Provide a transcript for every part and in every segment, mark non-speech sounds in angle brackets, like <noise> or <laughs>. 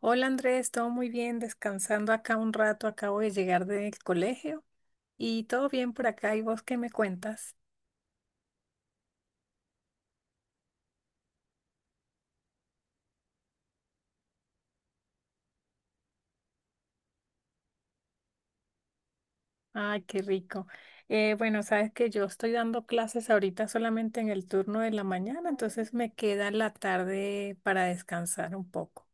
Hola Andrés, todo muy bien, descansando acá un rato, acabo de llegar del colegio y todo bien por acá. ¿Y vos qué me cuentas? Ay, qué rico. Bueno, sabes que yo estoy dando clases ahorita solamente en el turno de la mañana, entonces me queda la tarde para descansar un poco.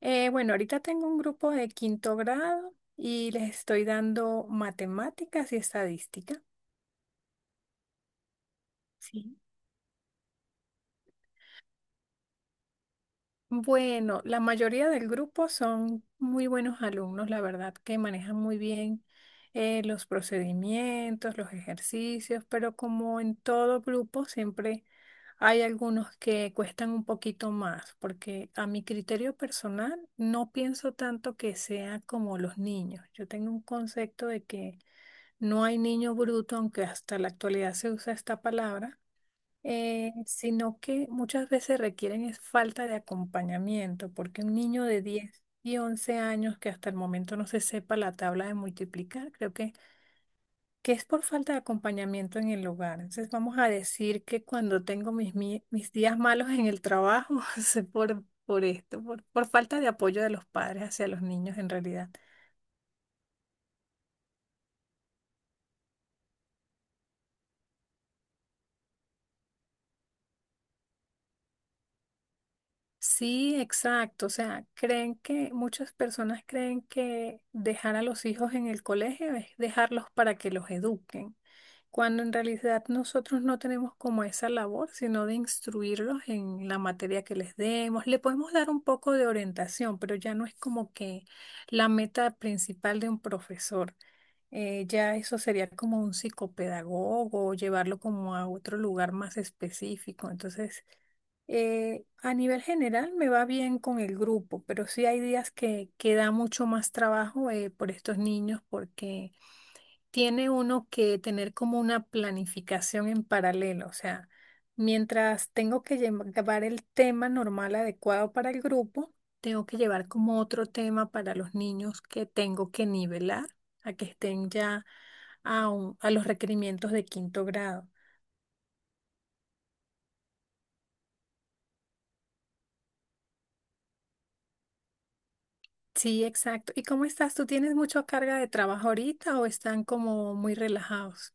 Bueno, ahorita tengo un grupo de quinto grado y les estoy dando matemáticas y estadística. Sí. Bueno, la mayoría del grupo son muy buenos alumnos, la verdad, que manejan muy bien los procedimientos, los ejercicios, pero como en todo grupo, siempre hay algunos que cuestan un poquito más, porque a mi criterio personal no pienso tanto que sea como los niños. Yo tengo un concepto de que no hay niño bruto, aunque hasta la actualidad se usa esta palabra, sino que muchas veces requieren es falta de acompañamiento, porque un niño de 10 y 11 años que hasta el momento no se sepa la tabla de multiplicar, que es por falta de acompañamiento en el hogar. Entonces vamos a decir que cuando tengo mis días malos en el trabajo, <laughs> es por esto, por falta de apoyo de los padres hacia los niños en realidad. Sí, exacto. O sea, creen que muchas personas creen que dejar a los hijos en el colegio es dejarlos para que los eduquen, cuando en realidad nosotros no tenemos como esa labor, sino de instruirlos en la materia que les demos. Le podemos dar un poco de orientación, pero ya no es como que la meta principal de un profesor. Ya eso sería como un psicopedagogo, llevarlo como a otro lugar más específico. Entonces, a nivel general me va bien con el grupo, pero sí hay días que da mucho más trabajo, por estos niños porque tiene uno que tener como una planificación en paralelo. O sea, mientras tengo que llevar el tema normal adecuado para el grupo, tengo que llevar como otro tema para los niños que tengo que nivelar a que estén ya a, a los requerimientos de quinto grado. Sí, exacto. ¿Y cómo estás? ¿Tú tienes mucha carga de trabajo ahorita o están como muy relajados?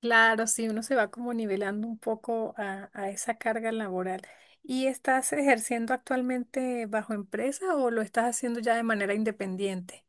Claro, sí, uno se va como nivelando un poco a esa carga laboral. ¿Y estás ejerciendo actualmente bajo empresa o lo estás haciendo ya de manera independiente?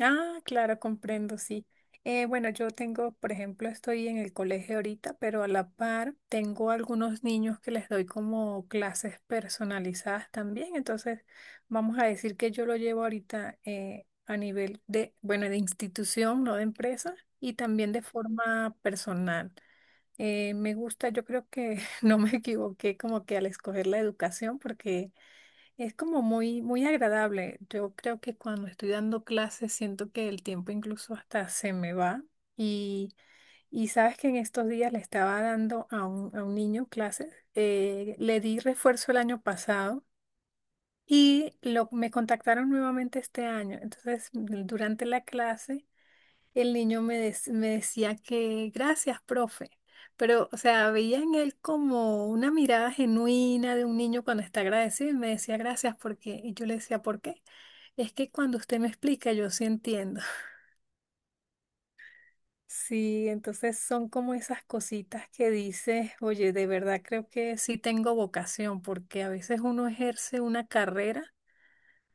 Ah, claro, comprendo, sí. Bueno, yo tengo, por ejemplo, estoy en el colegio ahorita, pero a la par tengo algunos niños que les doy como clases personalizadas también. Entonces, vamos a decir que yo lo llevo ahorita, a nivel de, bueno, de institución, no de empresa, y también de forma personal. Me gusta, yo creo que <laughs> no me equivoqué como que al escoger la educación, porque es como muy, muy agradable. Yo creo que cuando estoy dando clases siento que el tiempo incluso hasta se me va. Y, y sabes que en estos días le estaba dando a a un niño clases. Le di refuerzo el año pasado y me contactaron nuevamente este año. Entonces, durante la clase, el niño me decía que gracias, profe. Pero, o sea, veía en él como una mirada genuina de un niño cuando está agradecido y me decía gracias porque, y yo le decía, ¿por qué? Es que cuando usted me explica, yo sí entiendo. <laughs> Sí, entonces son como esas cositas que dices, oye, de verdad creo que sí tengo vocación, porque a veces uno ejerce una carrera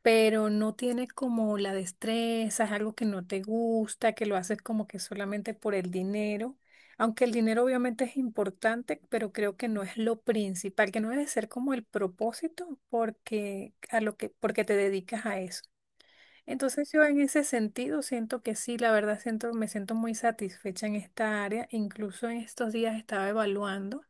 pero no tiene como la destreza, es algo que no te gusta, que lo haces como que solamente por el dinero. Aunque el dinero obviamente es importante, pero creo que no es lo principal, que no debe ser como el propósito porque a lo que porque te dedicas a eso. Entonces yo en ese sentido siento que sí, la verdad siento me siento muy satisfecha en esta área. Incluso en estos días estaba evaluando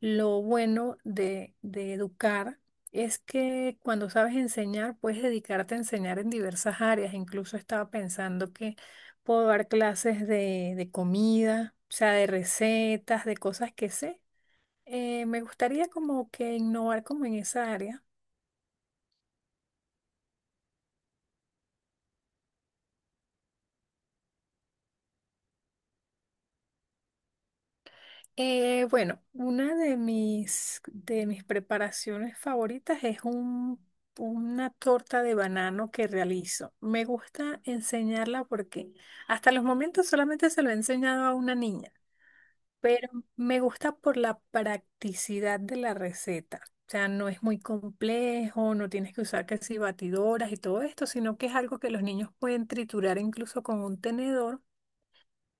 lo bueno de educar es que cuando sabes enseñar, puedes dedicarte a enseñar en diversas áreas. Incluso estaba pensando que puedo dar clases de comida, o sea, de recetas, de cosas que sé. Me gustaría como que innovar como en esa área. Bueno, una de mis preparaciones favoritas es una torta de banano que realizo. Me gusta enseñarla porque hasta los momentos solamente se lo he enseñado a una niña, pero me gusta por la practicidad de la receta. O sea, no es muy complejo, no tienes que usar casi batidoras y todo esto, sino que es algo que los niños pueden triturar incluso con un tenedor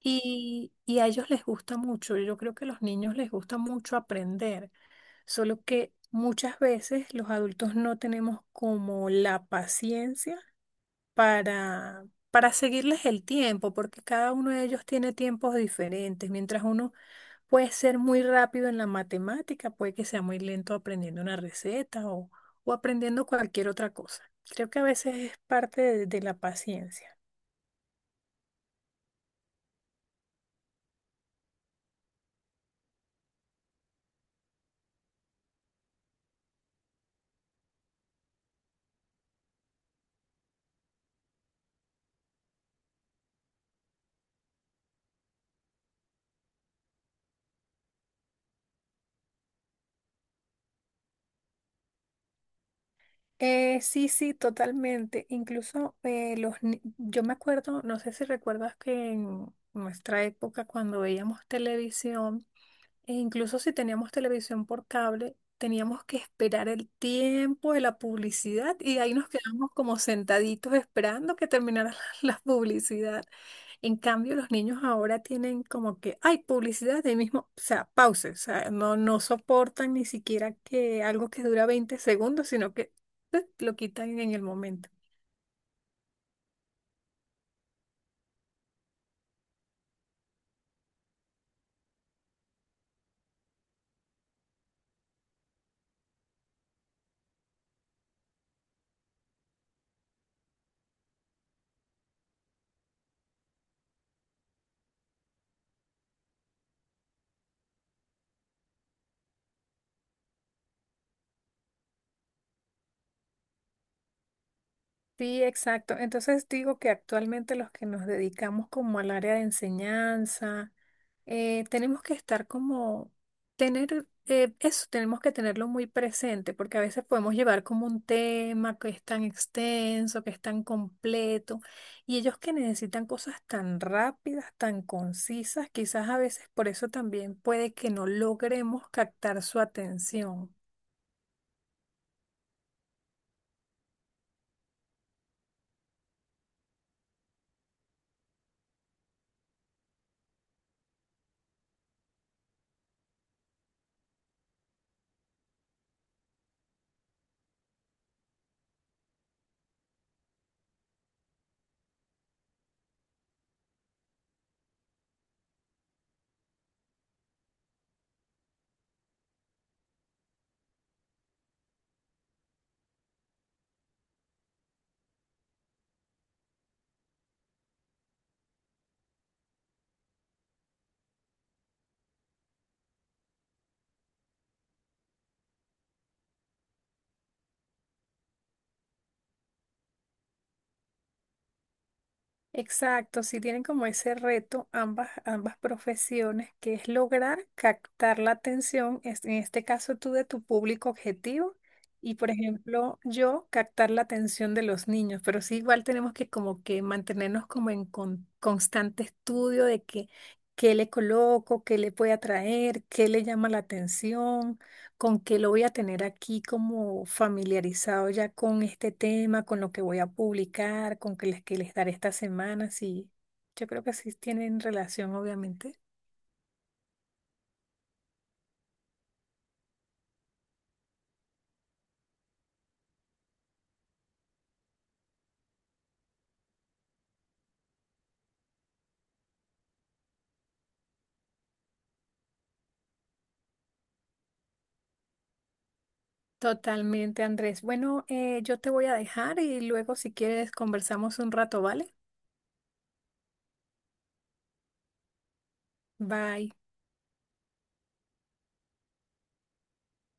y a ellos les gusta mucho. Yo creo que a los niños les gusta mucho aprender, solo que muchas veces los adultos no tenemos como la paciencia para seguirles el tiempo, porque cada uno de ellos tiene tiempos diferentes. Mientras uno puede ser muy rápido en la matemática, puede que sea muy lento aprendiendo una receta o aprendiendo cualquier otra cosa. Creo que a veces es parte de la paciencia. Sí, sí, totalmente. Incluso los, ni- yo me acuerdo, no sé si recuerdas que en nuestra época cuando veíamos televisión, e incluso si teníamos televisión por cable, teníamos que esperar el tiempo de la publicidad y ahí nos quedamos como sentaditos esperando que terminara <laughs> la publicidad. En cambio, los niños ahora tienen como que hay publicidad de ahí mismo, o sea, pause, o sea, no, no soportan ni siquiera que algo que dura 20 segundos, sino que lo quitan en el momento. Sí, exacto. Entonces digo que actualmente los que nos dedicamos como al área de enseñanza, tenemos que estar como, tener, eso tenemos que tenerlo muy presente, porque a veces podemos llevar como un tema que es tan extenso, que es tan completo, y ellos que necesitan cosas tan rápidas, tan concisas, quizás a veces por eso también puede que no logremos captar su atención. Exacto, sí tienen como ese reto ambas profesiones, que es lograr captar la atención, en este caso tú de tu público objetivo y por ejemplo yo captar la atención de los niños, pero sí igual tenemos que como que mantenernos como en constante estudio de que, qué le coloco, qué le puede atraer, qué le llama la atención, con qué lo voy a tener aquí como familiarizado ya con este tema, con lo que voy a publicar, con que les daré esta semana, sí. Yo creo que sí tienen relación, obviamente. Totalmente, Andrés. Bueno, yo te voy a dejar y luego si quieres conversamos un rato, ¿vale? Bye.